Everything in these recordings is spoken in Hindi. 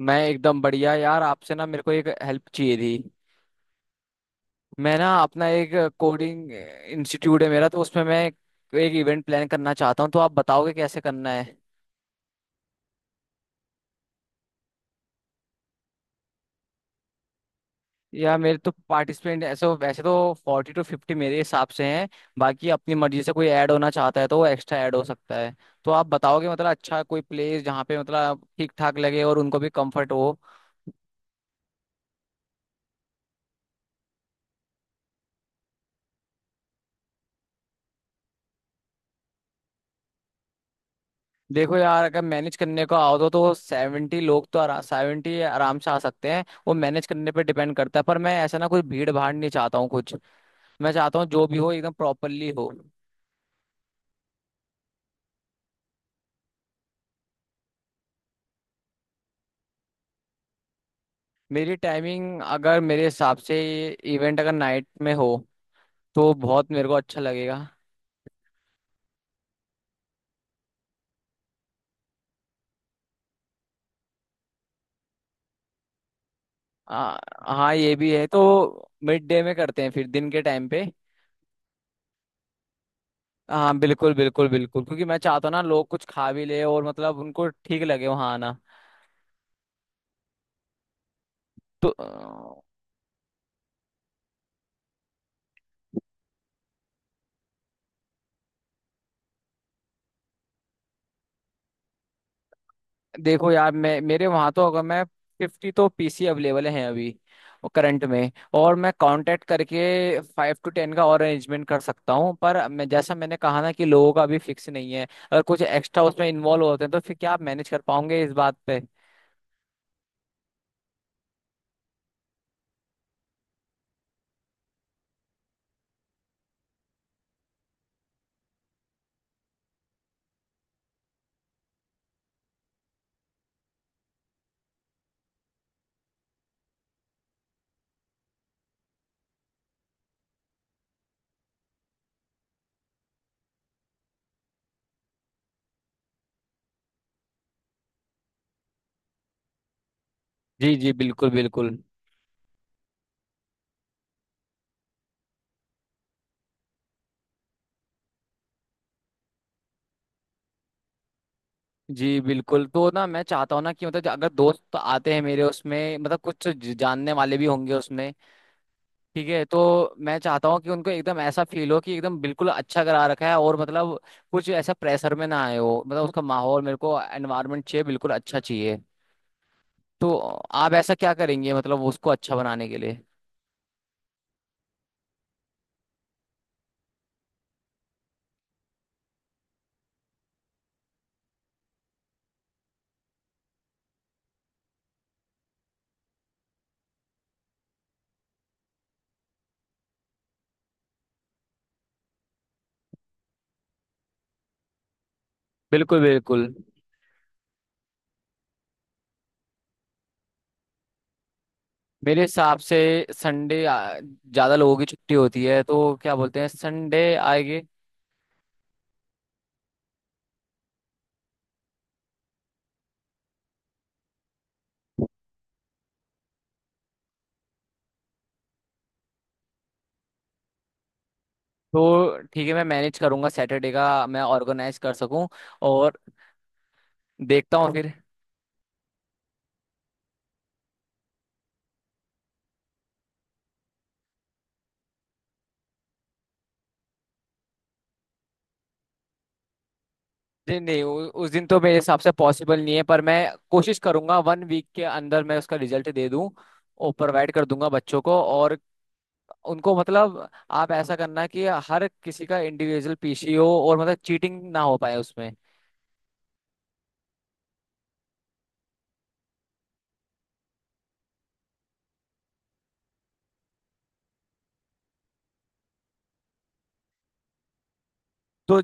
मैं एकदम बढ़िया यार। आपसे ना मेरे को एक हेल्प चाहिए थी। मैं ना अपना एक कोडिंग इंस्टीट्यूट है मेरा, तो उसमें मैं एक इवेंट प्लान करना चाहता हूँ, तो आप बताओगे कैसे करना है। या मेरे तो पार्टिसिपेंट ऐसे तो, वैसे तो 40-50 मेरे हिसाब से हैं। बाकी अपनी मर्जी से कोई ऐड होना चाहता है तो वो एक्स्ट्रा ऐड हो सकता है। तो आप बताओगे मतलब अच्छा कोई प्लेस जहाँ पे मतलब ठीक ठाक लगे और उनको भी कंफर्ट हो। देखो यार, अगर मैनेज करने को आओ तो सेवेंटी लोग तो 70 आराम से आ सकते हैं, वो मैनेज करने पे डिपेंड करता है। पर मैं ऐसा ना कोई भीड़ भाड़ नहीं चाहता हूँ कुछ। मैं चाहता हूँ जो भी हो एकदम प्रॉपरली हो। मेरी टाइमिंग अगर मेरे हिसाब से, इवेंट अगर नाइट में हो तो बहुत मेरे को अच्छा लगेगा। आ, हाँ ये भी है, तो मिड डे में करते हैं फिर, दिन के टाइम पे। हाँ बिल्कुल बिल्कुल बिल्कुल, क्योंकि मैं चाहता हूँ ना लोग कुछ खा भी ले और मतलब उनको ठीक लगे वहाँ आना। तो देखो यार, मैं मेरे वहां तो अगर मैं 50 तो पीसी अवेलेबल हैं अभी, करंट में, और मैं कांटेक्ट करके 5-10 का और अरेंजमेंट कर सकता हूँ। पर मैं जैसा मैंने कहा ना कि लोगों का अभी फिक्स नहीं है। अगर कुछ एक्स्ट्रा उसमें इन्वॉल्व होते हैं तो फिर क्या आप मैनेज कर पाओगे इस बात पे? जी जी बिल्कुल बिल्कुल। जी बिल्कुल। तो ना मैं चाहता हूँ ना कि मतलब अगर दोस्त तो आते हैं मेरे उसमें, मतलब कुछ जानने वाले भी होंगे उसमें। ठीक है, तो मैं चाहता हूँ कि उनको एकदम ऐसा फील हो कि एकदम बिल्कुल अच्छा करा रखा है और मतलब कुछ ऐसा प्रेशर में ना आए हो, मतलब उसका माहौल मेरे को एनवायरनमेंट चाहिए बिल्कुल अच्छा चाहिए। तो आप ऐसा क्या करेंगे मतलब उसको अच्छा बनाने के लिए? बिल्कुल बिल्कुल। मेरे हिसाब से संडे ज़्यादा लोगों की छुट्टी होती है, तो क्या बोलते हैं संडे आएगी। तो ठीक है, मैं मैनेज करूंगा सैटरडे का मैं ऑर्गेनाइज कर सकूं, और देखता हूँ फिर। नहीं नहीं, उस दिन तो मेरे हिसाब से पॉसिबल नहीं है, पर मैं कोशिश करूंगा 1 वीक के अंदर मैं उसका रिजल्ट दे दूं और प्रोवाइड कर दूंगा बच्चों को। और उनको मतलब आप ऐसा करना कि हर किसी का इंडिविजुअल पीसी हो और मतलब चीटिंग ना हो पाए उसमें। तो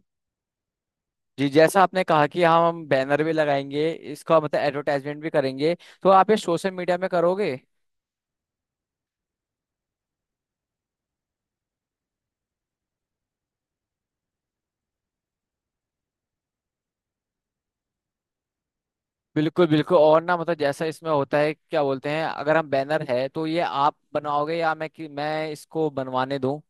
जैसा आपने कहा कि हाँ हम बैनर भी लगाएंगे, इसका मतलब एडवर्टाइजमेंट भी करेंगे। तो आप ये सोशल मीडिया में करोगे? बिल्कुल बिल्कुल। और ना मतलब जैसा इसमें होता है क्या बोलते हैं अगर हम बैनर है, तो ये आप बनाओगे या मैं कि मैं इसको बनवाने दूं?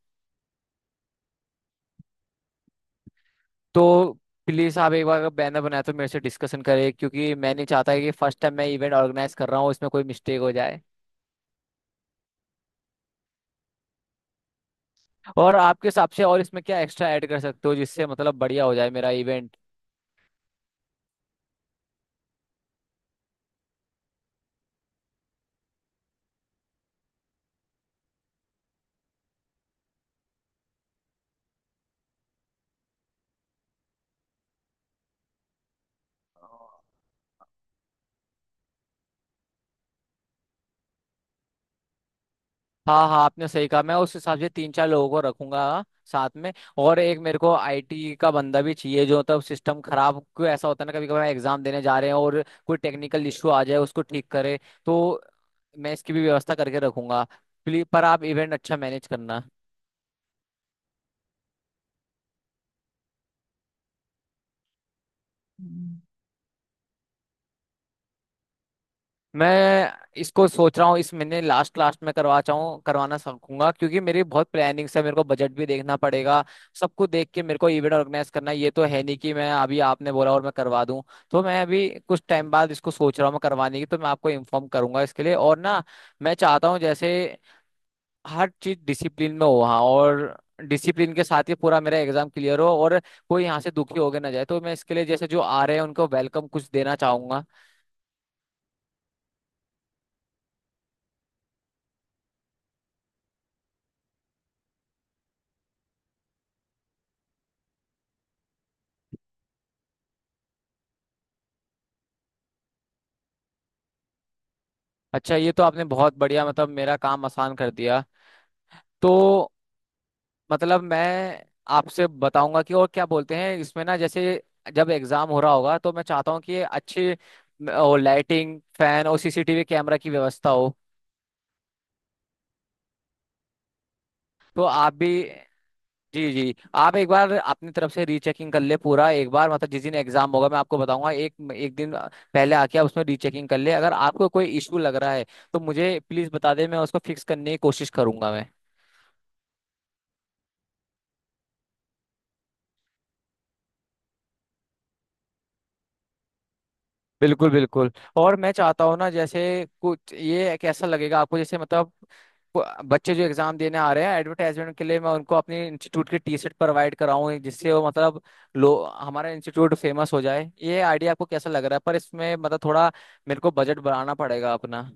तो प्लीज आप एक बार अगर बैनर बनाए तो मेरे से डिस्कशन करें, क्योंकि मैं नहीं चाहता कि फर्स्ट टाइम मैं इवेंट ऑर्गेनाइज कर रहा हूँ इसमें कोई मिस्टेक हो जाए। और आपके हिसाब से और इसमें क्या एक्स्ट्रा ऐड कर सकते हो जिससे मतलब बढ़िया हो जाए मेरा इवेंट? हाँ हाँ आपने सही कहा, मैं उस हिसाब से तीन चार लोगों को रखूंगा साथ में। और एक मेरे को आईटी का बंदा भी चाहिए जो तब सिस्टम खराब, क्यों ऐसा होता है ना कभी कभार एग्जाम देने जा रहे हैं और कोई टेक्निकल इशू आ जाए, उसको ठीक करे। तो मैं इसकी भी व्यवस्था करके रखूंगा। प्लीज पर आप इवेंट अच्छा मैनेज करना। मैं इसको सोच रहा हूँ इस महीने लास्ट लास्ट में करवा चाहूँ करवाना सकूंगा, क्योंकि मेरी बहुत प्लानिंग्स है, मेरे को बजट भी देखना पड़ेगा। सबको देख के मेरे को इवेंट ऑर्गेनाइज करना है, ये तो है नहीं कि मैं अभी आपने बोला और मैं करवा दूँ। तो मैं अभी कुछ टाइम बाद इसको सोच रहा हूँ मैं करवाने की, तो मैं आपको इन्फॉर्म करूंगा इसके लिए। और ना मैं चाहता हूँ जैसे हर चीज डिसिप्लिन में हो वहाँ, और डिसिप्लिन के साथ ही पूरा मेरा एग्जाम क्लियर हो, और कोई यहाँ से दुखी होके ना जाए। तो मैं इसके लिए जैसे जो आ रहे हैं उनको वेलकम कुछ देना चाहूंगा। अच्छा, ये तो आपने बहुत बढ़िया मतलब मेरा काम आसान कर दिया। तो मतलब मैं आपसे बताऊंगा कि और क्या बोलते हैं इसमें ना, जैसे जब एग्जाम हो रहा होगा तो मैं चाहता हूँ कि अच्छी और लाइटिंग फैन और सीसीटीवी कैमरा की व्यवस्था हो। तो आप भी, जी जी, आप एक बार अपनी तरफ से रीचेकिंग कर ले पूरा, एक बार मतलब जिस दिन एग्जाम होगा मैं आपको बताऊंगा एक एक दिन पहले आके आप उसमें रीचेकिंग कर ले। अगर आपको कोई इशू लग रहा है, तो मुझे प्लीज बता दे मैं उसको फिक्स करने की कोशिश करूंगा मैं। बिल्कुल बिल्कुल। और मैं चाहता हूँ ना जैसे कुछ, ये कैसा लगेगा आपको जैसे मतलब बच्चे जो एग्जाम देने आ रहे हैं, एडवर्टाइजमेंट के लिए मैं उनको अपने इंस्टीट्यूट की टी शर्ट प्रोवाइड कराऊँ जिससे वो मतलब लो हमारा इंस्टीट्यूट फेमस हो जाए, ये आइडिया आपको कैसा लग रहा है? पर इसमें मतलब थोड़ा मेरे को बजट बढ़ाना पड़ेगा अपना।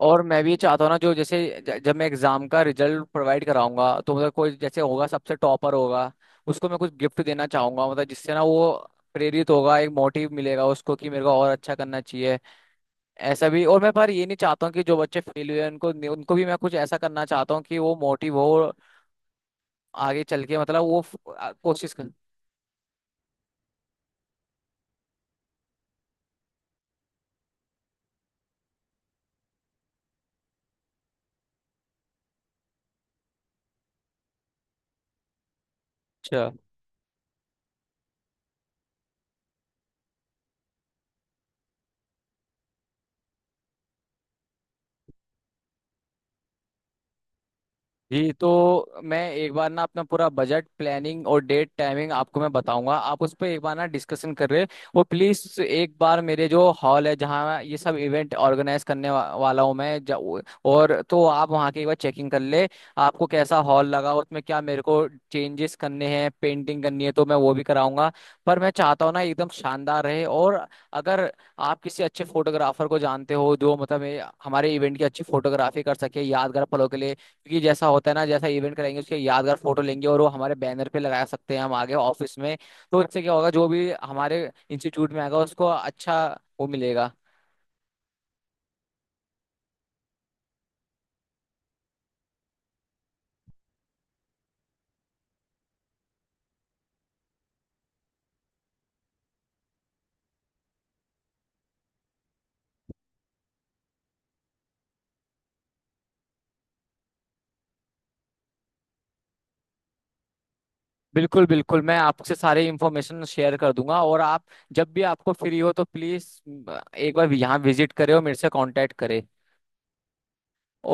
और मैं भी ये चाहता हूँ ना जो जैसे जब मैं एग्जाम का रिजल्ट प्रोवाइड कराऊंगा, तो मतलब कोई जैसे होगा सबसे टॉपर होगा, उसको मैं कुछ गिफ्ट देना चाहूंगा, मतलब जिससे ना वो प्रेरित होगा, एक मोटिव मिलेगा उसको कि मेरे को और अच्छा करना चाहिए ऐसा भी। और मैं पर ये नहीं चाहता हूँ कि जो बच्चे फेल हुए हैं, उनको उनको भी मैं कुछ ऐसा करना चाहता हूँ कि वो मोटिव हो और आगे चल के मतलब वो कोशिश कर। जी, तो मैं एक बार ना अपना पूरा बजट प्लानिंग और डेट टाइमिंग आपको मैं बताऊंगा, आप उस पर एक बार ना डिस्कशन कर रहे। वो प्लीज एक बार मेरे जो हॉल है जहाँ ये सब इवेंट ऑर्गेनाइज करने वाला हूँ मैं और तो आप वहाँ की एक बार चेकिंग कर ले। आपको कैसा हॉल लगा उसमें क्या मेरे को चेंजेस करने हैं पेंटिंग करनी है तो मैं वो भी कराऊंगा। पर मैं चाहता हूँ ना एकदम शानदार रहे, और अगर आप किसी अच्छे फोटोग्राफर को जानते हो जो मतलब ये हमारे इवेंट की अच्छी फोटोग्राफी कर सके यादगार पलों के लिए, क्योंकि जैसा होता है ना जैसा इवेंट कराएंगे उसके यादगार फोटो लेंगे और वो हमारे बैनर पे लगा सकते हैं हम आगे ऑफिस में। तो इससे क्या होगा, जो भी हमारे इंस्टीट्यूट में आएगा उसको अच्छा वो मिलेगा। बिल्कुल बिल्कुल, मैं आपसे सारी इंफॉर्मेशन शेयर कर दूंगा। और आप जब भी आपको फ्री हो तो प्लीज एक बार यहाँ विजिट करें और मेरे से कांटेक्ट करें।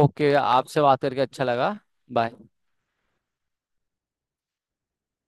ओके, आपसे बात करके अच्छा लगा। बाय।